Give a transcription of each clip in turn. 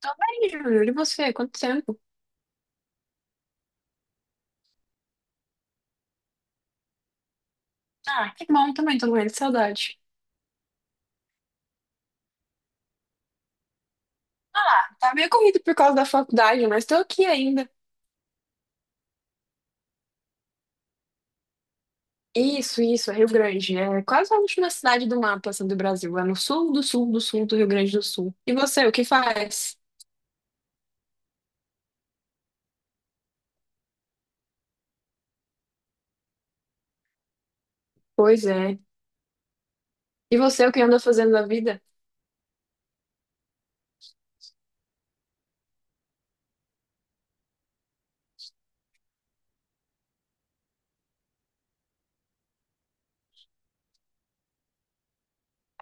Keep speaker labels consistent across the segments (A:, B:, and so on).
A: Tô bem, Júlio. E você? Quanto tempo? Ah, que bom também, tô morrendo de saudade. Ah, tá meio corrido por causa da faculdade, mas tô aqui ainda. Isso, é Rio Grande. É quase a última cidade do mapa, assim, do Brasil. É no sul do sul do sul do Rio Grande do Sul. E você, o que faz? Pois é. E você, o que anda fazendo na vida?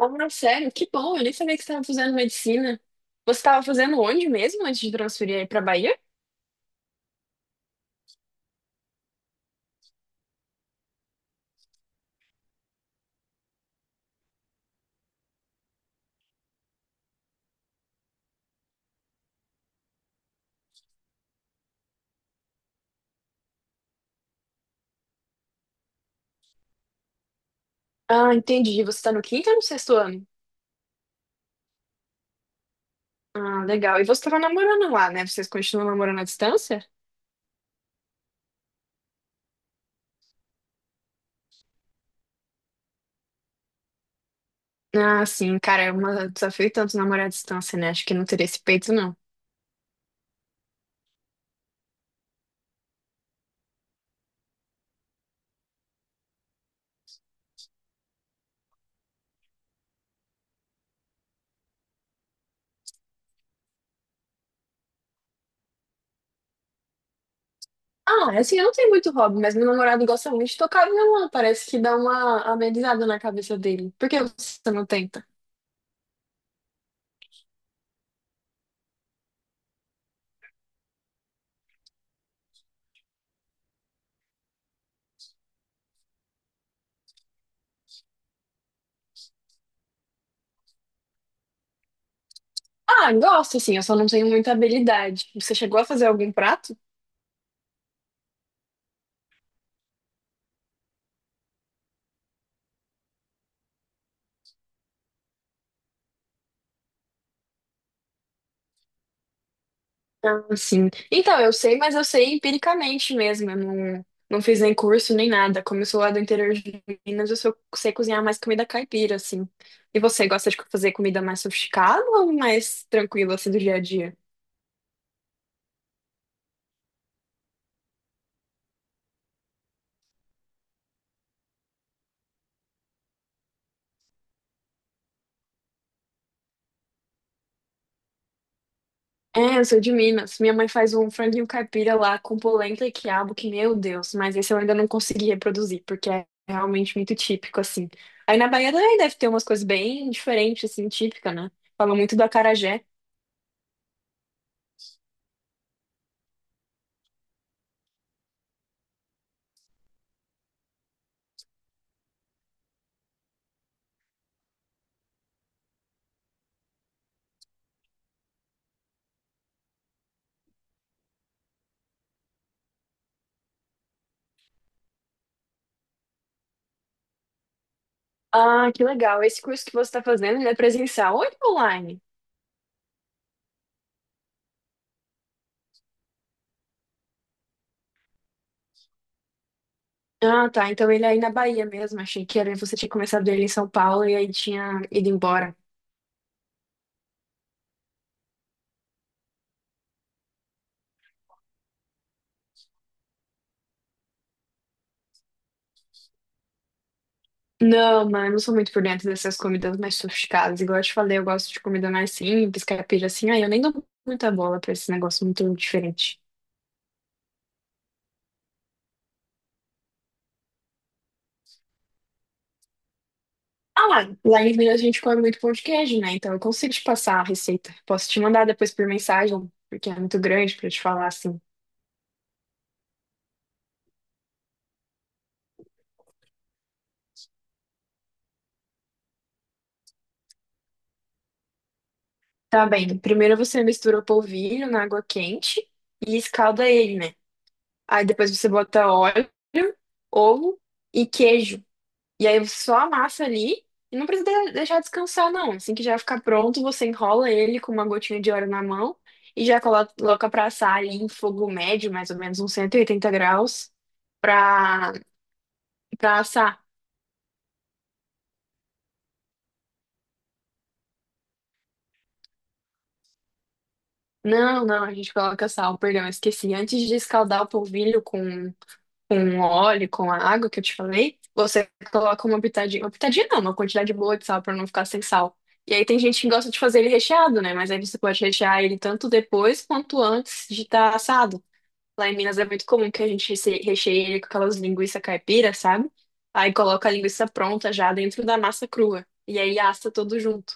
A: Ah, sério? Que bom, eu nem sabia que você estava fazendo medicina. Você estava fazendo onde mesmo antes de transferir aí pra Bahia? Ah, entendi. Você tá no quinto ou no sexto ano? Ah, legal. E você tava namorando lá, né? Vocês continuam namorando à distância? Ah, sim, cara, é um desafio tanto namorar à distância, né? Acho que não teria esse peito, não. Ah, assim, eu não tenho muito hobby, mas meu namorado gosta muito de tocar violão. Parece que dá uma amenizada na cabeça dele. Por que você não tenta? Ah, gosto, assim, eu só não tenho muita habilidade. Você chegou a fazer algum prato? Ah, sim. Então, eu sei, mas eu sei empiricamente mesmo. Eu não fiz nem curso nem nada. Como eu sou lá do interior de Minas, eu só sei cozinhar mais comida caipira, assim. E você gosta de fazer comida mais sofisticada ou mais tranquila, assim, do dia a dia? É, eu sou de Minas. Minha mãe faz um franguinho caipira lá com polenta e quiabo, que, meu Deus, mas esse eu ainda não consegui reproduzir, porque é realmente muito típico, assim. Aí na Bahia também deve ter umas coisas bem diferentes, assim, típica, né? Fala muito do acarajé. Ah, que legal. Esse curso que você está fazendo, ele é presencial ou ele é online? Ah, tá. Então ele é aí na Bahia mesmo. Achei que era, você tinha começado ele em São Paulo e aí tinha ido embora. Não, mano, eu não sou muito por dentro dessas comidas mais sofisticadas. Igual eu te falei, eu gosto de comida mais simples, caipira assim. Aí eu nem dou muita bola pra esse negócio muito diferente. Ah, lá, em Minas a gente come muito pão de queijo, né? Então eu consigo te passar a receita. Posso te mandar depois por mensagem, porque é muito grande pra te falar assim. Tá bem. Primeiro você mistura o polvilho na água quente e escalda ele, né? Aí depois você bota óleo, ovo e queijo. E aí você só amassa ali e não precisa de- deixar descansar, não. Assim que já ficar pronto, você enrola ele com uma gotinha de óleo na mão e já coloca pra assar ali em fogo médio, mais ou menos uns 180 graus, pra, pra assar. Não, não, a gente coloca sal, perdão, eu esqueci. Antes de escaldar o polvilho com óleo, com a água que eu te falei, você coloca uma pitadinha não, uma quantidade boa de sal para não ficar sem sal. E aí tem gente que gosta de fazer ele recheado, né? Mas aí você pode rechear ele tanto depois quanto antes de estar assado. Lá em Minas é muito comum que a gente recheie ele com aquelas linguiças caipira, sabe? Aí coloca a linguiça pronta já dentro da massa crua. E aí assa tudo junto.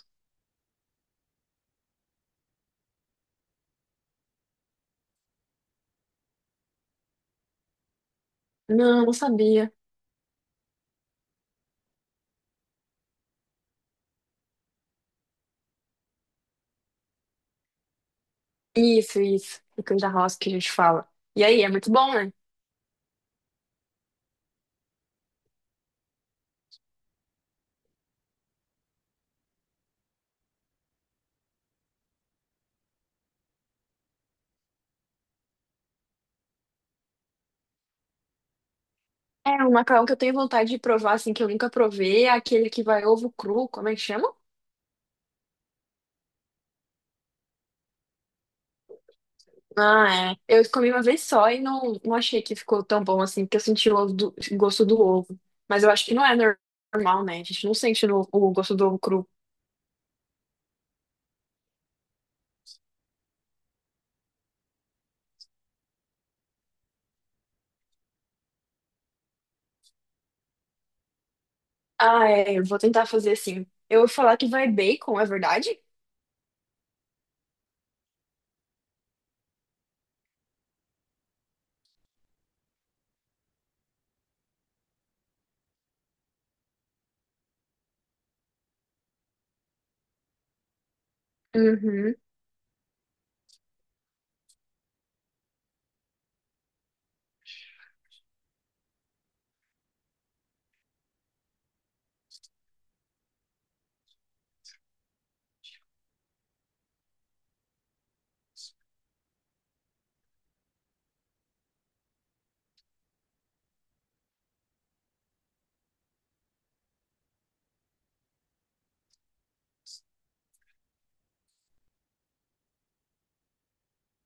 A: Não, não sabia. Isso, isso. O canja rosca que a gente fala. E aí, é muito bom, né? É, um macarrão que eu tenho vontade de provar, assim, que eu nunca provei, é aquele que vai ovo cru, como é que chama? Ah, é. Eu comi uma vez só e não achei que ficou tão bom assim, porque eu senti o gosto do ovo. Mas eu acho que normal, né? A gente não sente o gosto do ovo cru. Ah, é, eu vou tentar fazer assim. Eu vou falar que vai bacon, é verdade? Uhum.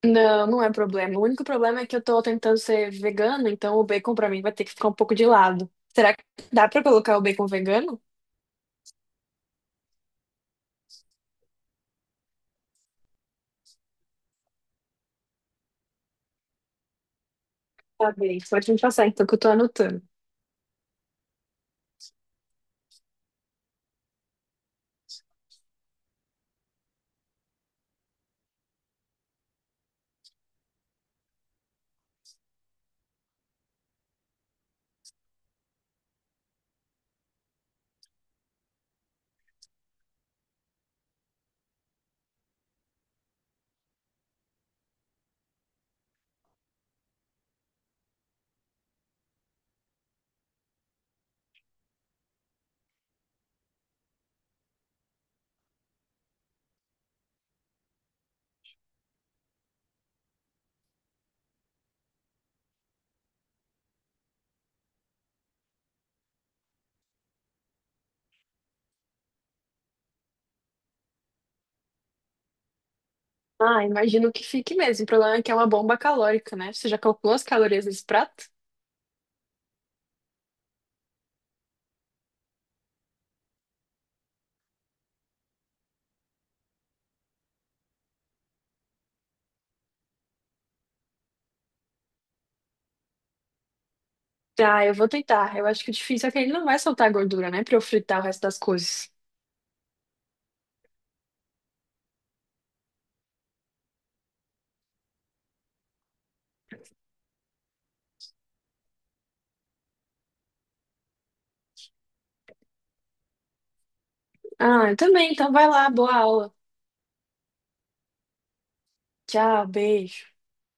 A: Não, não é problema. O único problema é que eu tô tentando ser vegana, então o bacon pra mim vai ter que ficar um pouco de lado. Será que dá pra colocar o bacon vegano? Tá bem, pode me passar então que eu tô anotando. Ah, imagino que fique mesmo. O problema é que é uma bomba calórica, né? Você já calculou as calorias desse prato? Ah, eu vou tentar. Eu acho que o difícil é que ele não vai soltar gordura, né? Pra eu fritar o resto das coisas. Ah, eu também. Então vai lá, boa aula. Tchau, beijo.